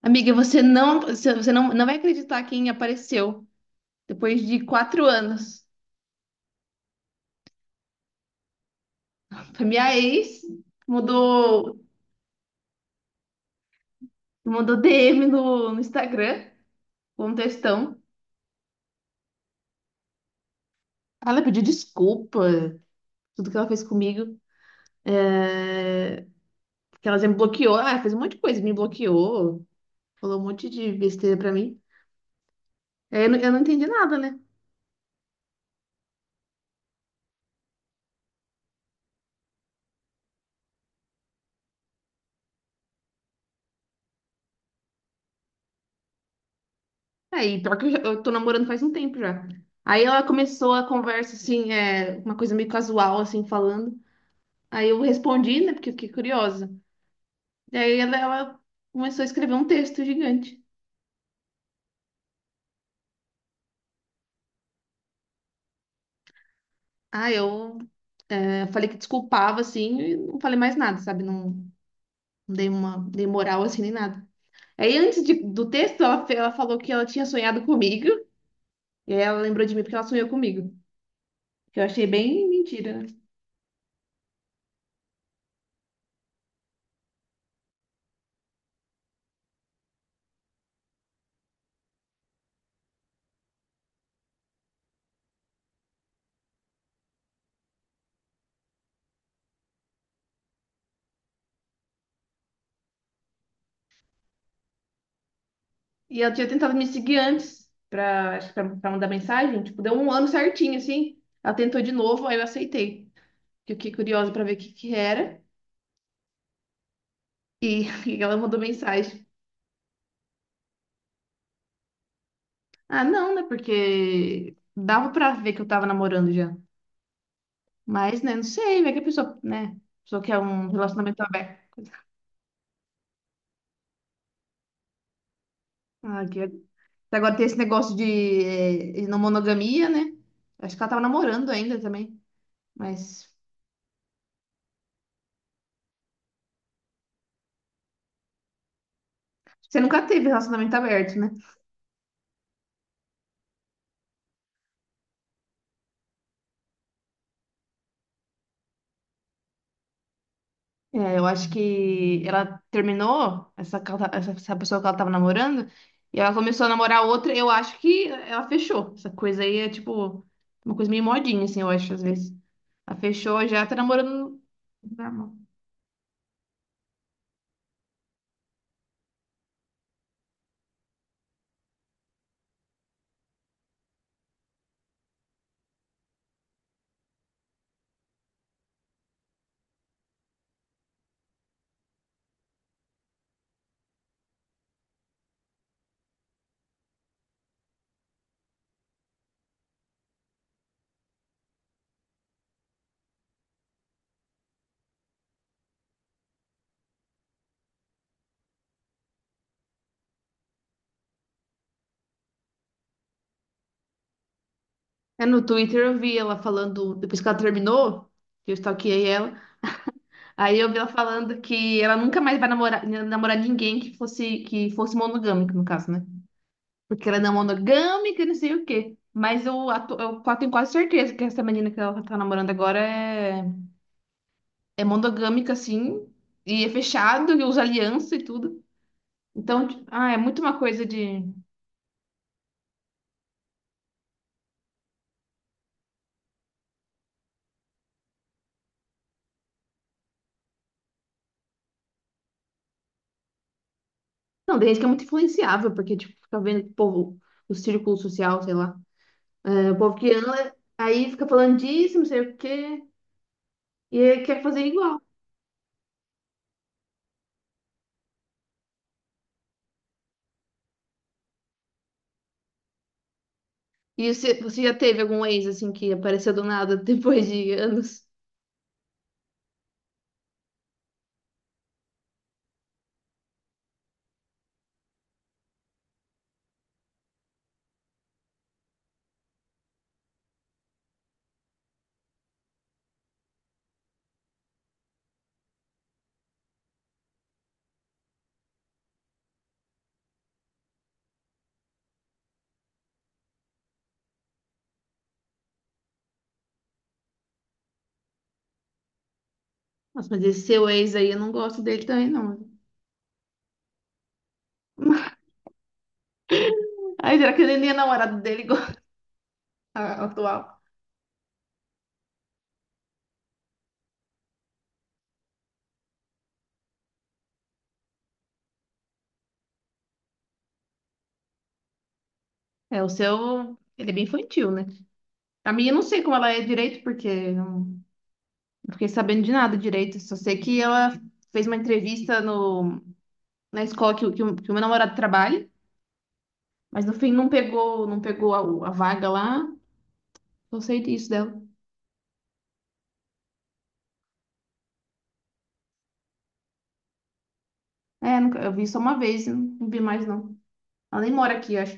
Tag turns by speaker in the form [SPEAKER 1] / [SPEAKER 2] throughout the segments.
[SPEAKER 1] Amiga, você não vai acreditar quem apareceu depois de quatro anos. Foi minha ex, mudou, mandou DM no Instagram, um textão. Ela pediu desculpa, tudo que ela fez comigo, porque ela já me bloqueou, ela fez um monte de coisa, me bloqueou, falou um monte de besteira pra mim. Aí eu não entendi nada, né? Aí, pior que eu, eu tô namorando faz um tempo já. Aí ela começou a conversa, assim, é, uma coisa meio casual, assim, falando. Aí eu respondi, né? Porque eu fiquei curiosa. E aí ela começou a escrever um texto gigante. Ah, eu falei que desculpava, assim, e não falei mais nada, sabe? Não, não dei uma, dei moral, assim, nem nada. Aí, do texto, ela, ela falou que ela tinha sonhado comigo, e aí ela lembrou de mim porque ela sonhou comigo, que eu achei bem mentira, né? E ela tinha tentado me seguir antes, pra, acho que pra, pra mandar mensagem, tipo, deu um ano certinho, assim. Ela tentou de novo, aí eu aceitei. Que Eu fiquei curiosa pra ver o que que era, e, e ela mandou mensagem. Ah, não, né? Porque dava pra ver que eu tava namorando já. Mas, né, não sei, vai que a pessoa, né? A pessoa quer um relacionamento aberto. Ah, que... Até agora tem esse negócio de, de não monogamia, né? Acho que ela tava namorando ainda também. Mas você nunca teve relacionamento aberto, né? É, eu acho que ela terminou essa, essa, essa pessoa que ela tava namorando e ela começou a namorar outra. Eu acho que ela fechou. Essa coisa aí é tipo uma coisa meio modinha, assim, eu acho, às vezes. Ela fechou, já tá namorando. Normal. É, no Twitter eu vi ela falando, depois que ela terminou, que eu stalkeei ela, aí eu vi ela falando que ela nunca mais vai namorar, namorar ninguém que fosse monogâmico, no caso, né? Porque ela não é não monogâmica, não sei o quê. Mas eu, tenho quase certeza que essa menina que ela tá namorando agora é, é monogâmica, assim, e é fechado, e usa aliança e tudo. Então, é muito uma coisa de. Não, desde que é muito influenciável, porque, tipo, fica vendo que o povo, o círculo social, sei lá. É, o povo que anda, aí fica falando disso, não sei o quê, e aí quer fazer igual. E você já teve algum ex, assim, que apareceu do nada depois de anos? Nossa, mas esse seu ex aí, eu não gosto dele também, não. Ai, será que ele nem é namorado dele igual a atual? É, o seu, ele é bem infantil, né? A minha eu não sei como ela é direito, porque não, não fiquei sabendo de nada direito. Só sei que ela fez uma entrevista no, na escola que, o que o meu namorado trabalha, mas no fim não pegou, não pegou a vaga lá. Só sei disso dela. É, eu vi só uma vez, não, não vi mais não. Ela nem mora aqui, eu acho.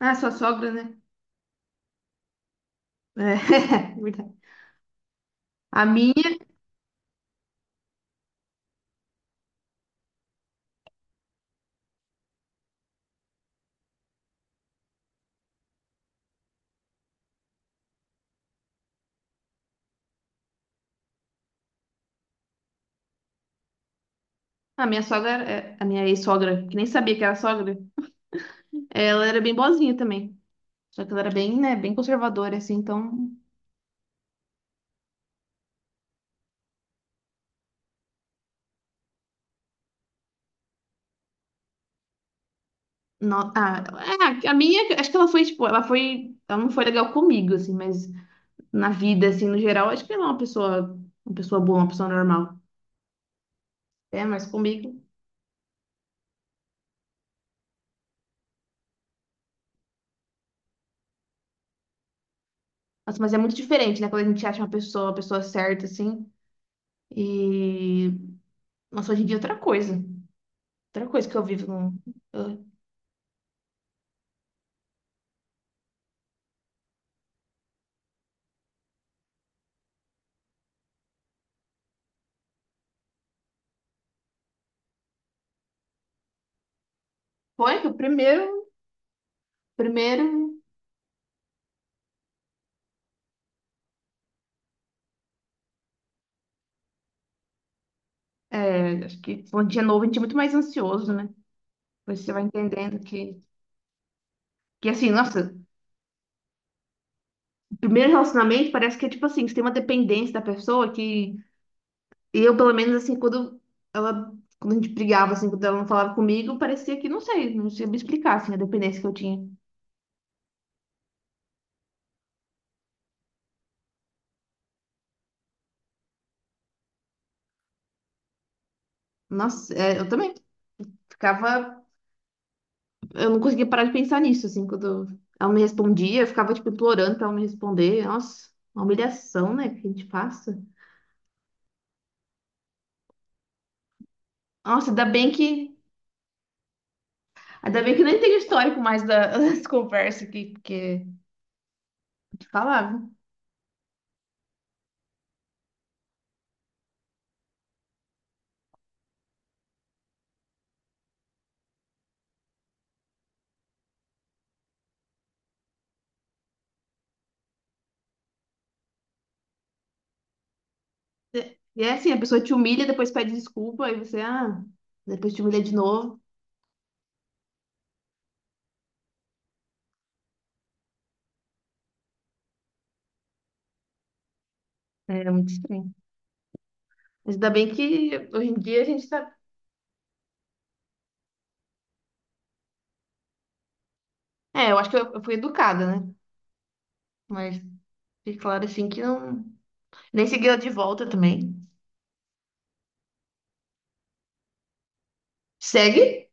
[SPEAKER 1] Ah, sua sogra, né? É, verdade. A minha, a minha sogra, a minha ex-sogra, que nem sabia que era sogra. Ela era bem boazinha também. Só que ela era bem, né, bem conservadora, assim, então. No... Ah, é, a minha, acho que ela foi, tipo, ela foi. Ela não foi legal comigo, assim, mas na vida, assim, no geral, acho que ela é uma pessoa boa, uma pessoa normal. É, mas comigo. Nossa, mas é muito diferente, né? Quando a gente acha uma pessoa certa, assim. E. Nossa, hoje em dia é outra coisa. Outra coisa que eu vivo no. eu- Foi que o primeiro. Primeiro. É, acho que quando a gente é novo, a gente é muito mais ansioso, né? Depois você vai entendendo que. Que assim, nossa, primeiro relacionamento parece que é tipo assim, você tem uma dependência da pessoa que eu, pelo menos, assim, quando ela, quando a gente brigava, assim, quando ela não falava comigo, parecia que, não sei, não sei me explicar, assim, a dependência que eu tinha. Nossa, é, eu também ficava, eu não conseguia parar de pensar nisso, assim, quando ela me respondia, eu ficava, tipo, implorando pra ela me responder. Nossa, uma humilhação, né, que a gente passa. Nossa, ainda bem que eu nem tem histórico mais da, das conversas aqui, porque, te falar. É, e é assim, a pessoa te humilha, depois pede desculpa, aí você, ah, depois te humilha de novo. É muito estranho. Mas ainda bem que hoje em dia a gente tá. É, eu acho que eu fui educada, né? Mas fica claro assim que não. Nem segui ela de volta também. Segue.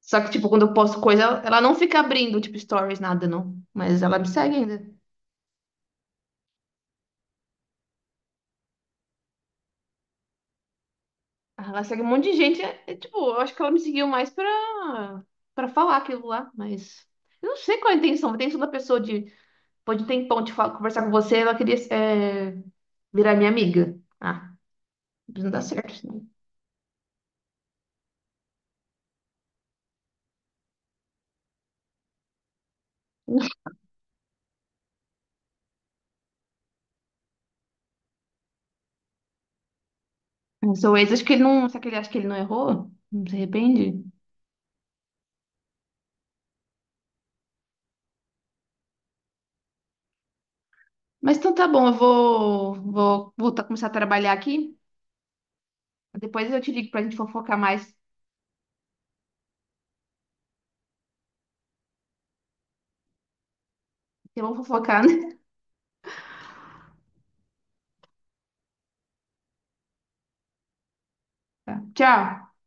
[SPEAKER 1] Só que, tipo, quando eu posto coisa, ela não fica abrindo, tipo, stories, nada, não. Mas ela me segue ainda. Ela segue um monte de gente. É, é, tipo, eu acho que ela me seguiu mais pra, pra falar aquilo lá. Mas eu não sei qual é a intenção. A intenção da pessoa de depois de um tempão de falar, conversar com você, ela queria é, virar minha amiga. Ah, isso não dá certo. Isso não. O seu ex, acho que ele não. Será que ele acha que ele não errou? Não se arrepende? Mas então tá bom, eu vou, vou voltar a começar a trabalhar aqui. Depois eu te ligo pra gente fofocar mais. Porque vamos fofocar, né? Tá. Tchau.